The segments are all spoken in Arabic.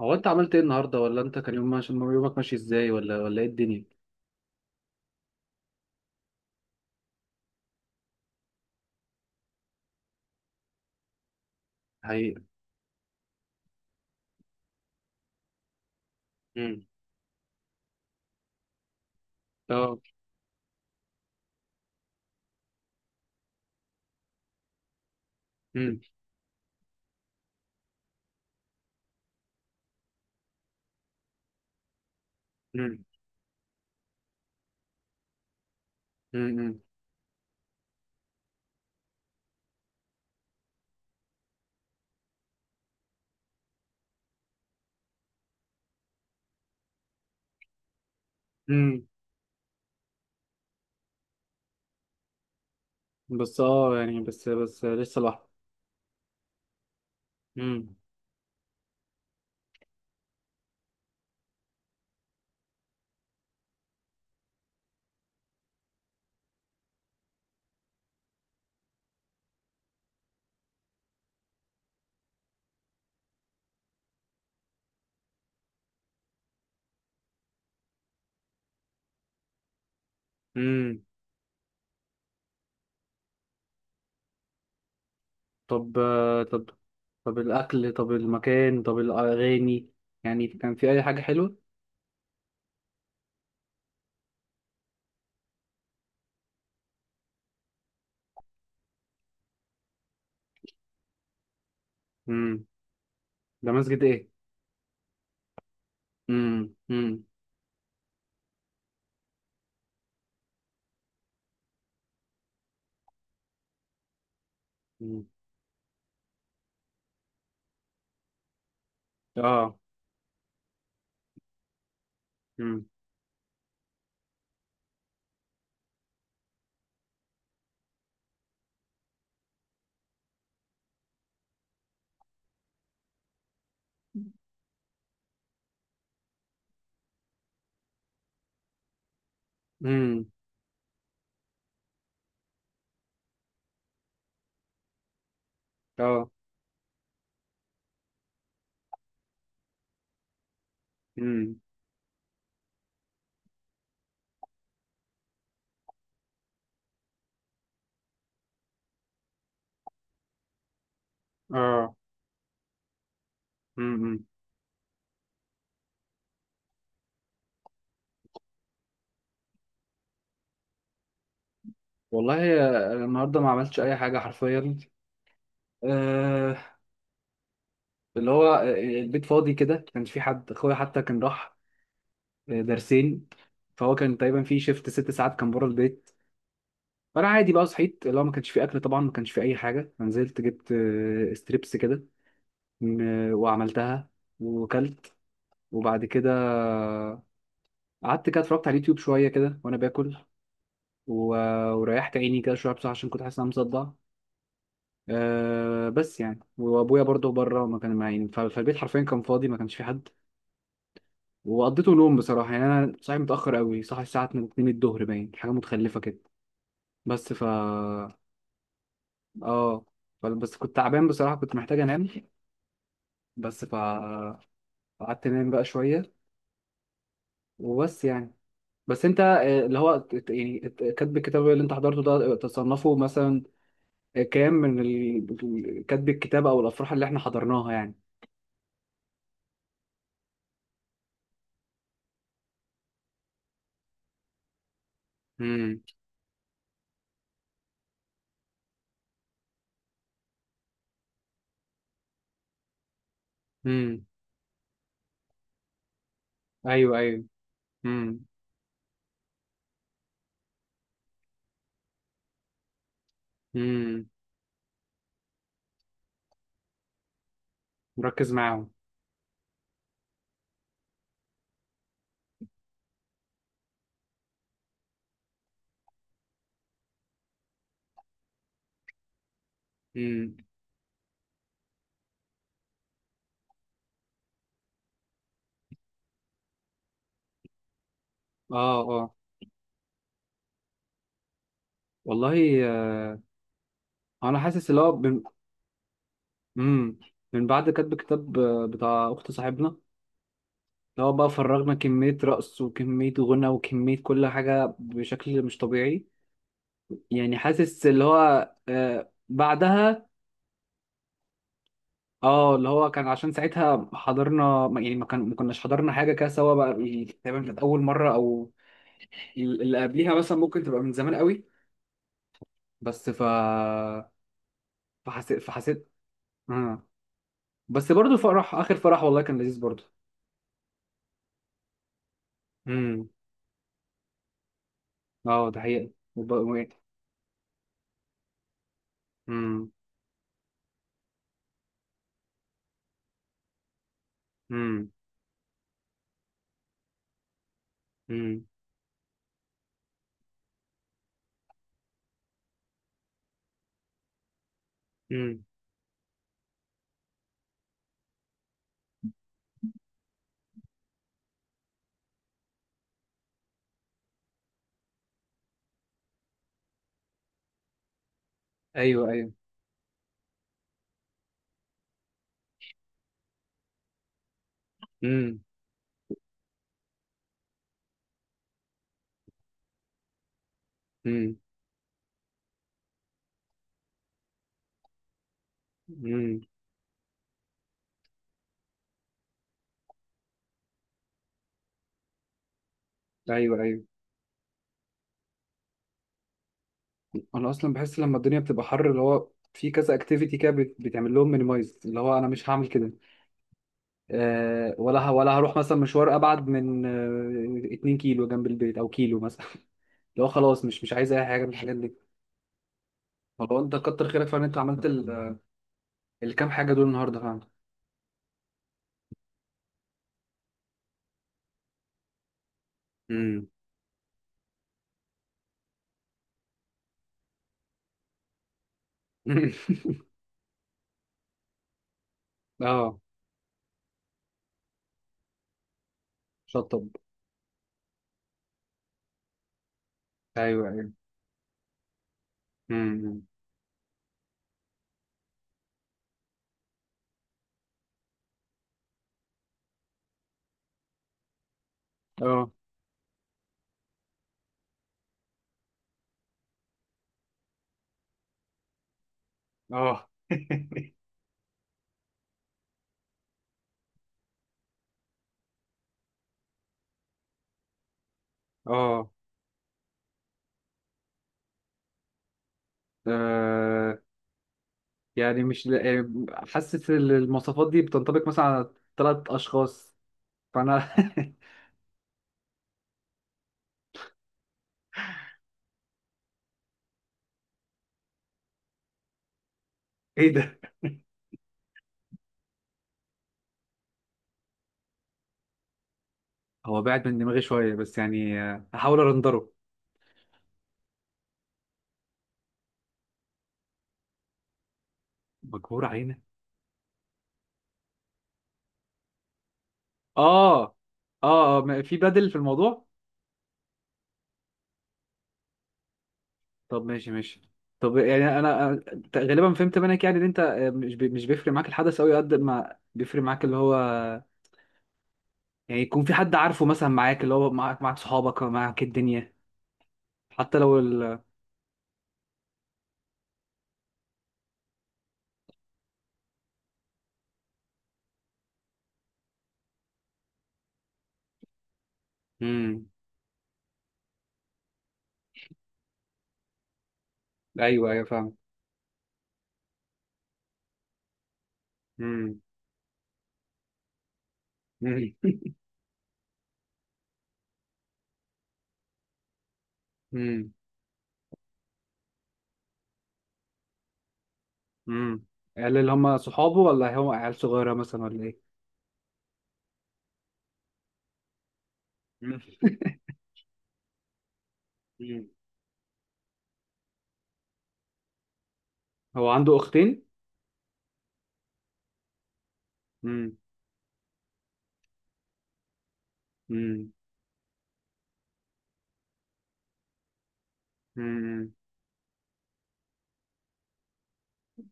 هو انت عملت ايه النهارده ولا انت كان يوم ماشي؟ يومك ماشي ازاي ولا ايه الدنيا؟ حقيقة. مم. اه. مم. مم. مم. امم. بس اه، يعني بس لسه لوحدي. امم. مم. طب آه، طب. طب الاكل، طب المكان، طب الاغاني، يعني كان في اي حاجة حلوة؟ امم. ده مسجد ايه؟ امم. أمم. اه. امم امم. اه. امم. اه. امم. والله آه، النهارده ما عملتش اي حاجة حرفيا. آه، اللي هو آه، البيت فاضي كده، ما كانش في حد. اخويا حتى كان راح آه، درسين، فهو كان تقريبا في شيفت ست ساعات كان بره البيت. فانا عادي بقى صحيت، اللي هو ما كانش في اكل طبعا، ما كانش في اي حاجه، فنزلت جبت آه، ستريبس كده، وعملتها وكلت. وبعد كده قعدت كده اتفرجت على اليوتيوب شويه كده وانا باكل، و- وريحت عيني كده شويه بصراحه عشان كنت حاسس ان انا مصدع. أه بس يعني وابويا برضه بره ما كان معين، فالبيت حرفيا كان فاضي، ما كانش في حد. وقضيته نوم بصراحة، يعني أنا صاحي متأخر أوي، صاحي الساعة 2 الظهر، باين حاجة متخلفة كده. بس فا آه. بس كنت تعبان بصراحة، كنت محتاج أنام. بس فا قعدت أنام بقى شوية وبس يعني. بس أنت آه، اللي هو كاتب الكتاب اللي أنت حضرته ده آه، تصنفه مثلا آه، كام من كاتب الكتاب أو الأفراح اللي إحنا حضرناها يعني؟ امم. امم. أيوه أيوه. امم. امم. مركز معاهم. امم. آه آه. والله. انا حاسس اللي هو بن... مم. من بعد كتب الكتاب آه، بتاع اخت صاحبنا، اللي هو بقى فرغنا كمية رقص وكمية غنى وكمية كل حاجة بشكل مش طبيعي. يعني حاسس اللي هو آه بعدها. اه اللي هو كان عشان ساعتها حضرنا ما كناش حضرنا حاجة كده سوا بقى، يعني تقريبا كانت أول مرة، أو اللي قبليها مثلا ممكن تبقى من زمان قوي. بس ف فحسيت آه. بس برضه فرح، آخر فرح والله كان لذيذ برضه. اه ده حقيقة. مم. مم. مم. مم. ايوه ايوه. مم. مم. مم. ايوه ايوه. انا اصلا بحس لما الدنيا بتبقى حر، اللي هو في كذا اكتيفيتي كده بتعمل لهم مينيمايز، اللي هو انا مش هعمل كده. أه ولا هروح مثلا مشوار ابعد من آه، 2 كيلو جنب البيت او كيلو مثلا اللي هو خلاص مش عايز اي حاجه من الحاجات دي. والله انت كتر خيرك فعلا، انت عملت الكام حاجه دول النهارده فعلا. امم. اه. شطب. ايوه ايوه. امم. اه. اه. اه. آه، يعني مش ل- آه، حاسس ان المواصفات دي بتنطبق مثلا على ثلاث اشخاص. فانا. ايه ده! هو بعد من دماغي شويه، بس يعني آه، هحاول ارندره. مجبور علينا. اه. اه آه، في بدل في الموضوع. طب ماشي ماشي. طب يعني غالبا فهمت منك، يعني ان انت آه، مش بيفرق معاك الحدث قوي قد ما بيفرق معاك اللي هو يعني يكون في حد عارفه مثلا معاك، اللي هو معاك صحابك، معاك الدنيا. حتى لو ال. مم. ايوه ايوه فاهم. مم. مم. مم. مم. عيال اللي هم صحابه ولا هم عيال صغيرة مثلا ولا ايه؟ مم. مم. هو عنده اختين؟ مم. مم. مم.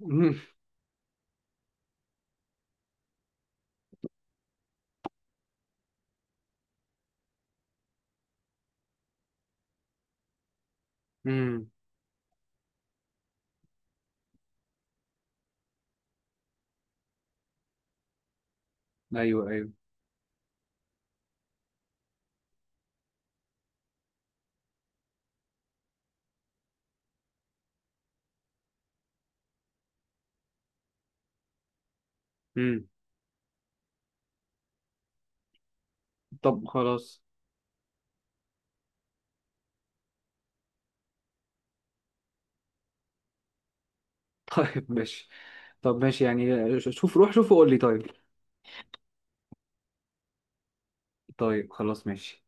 مم. مم. ايوه ايوه. مم. طب خلاص. طيب ماشي. طب ماشي، يعني شوف روح شوفه وقول لي. طيب. طيب خلاص ماشي.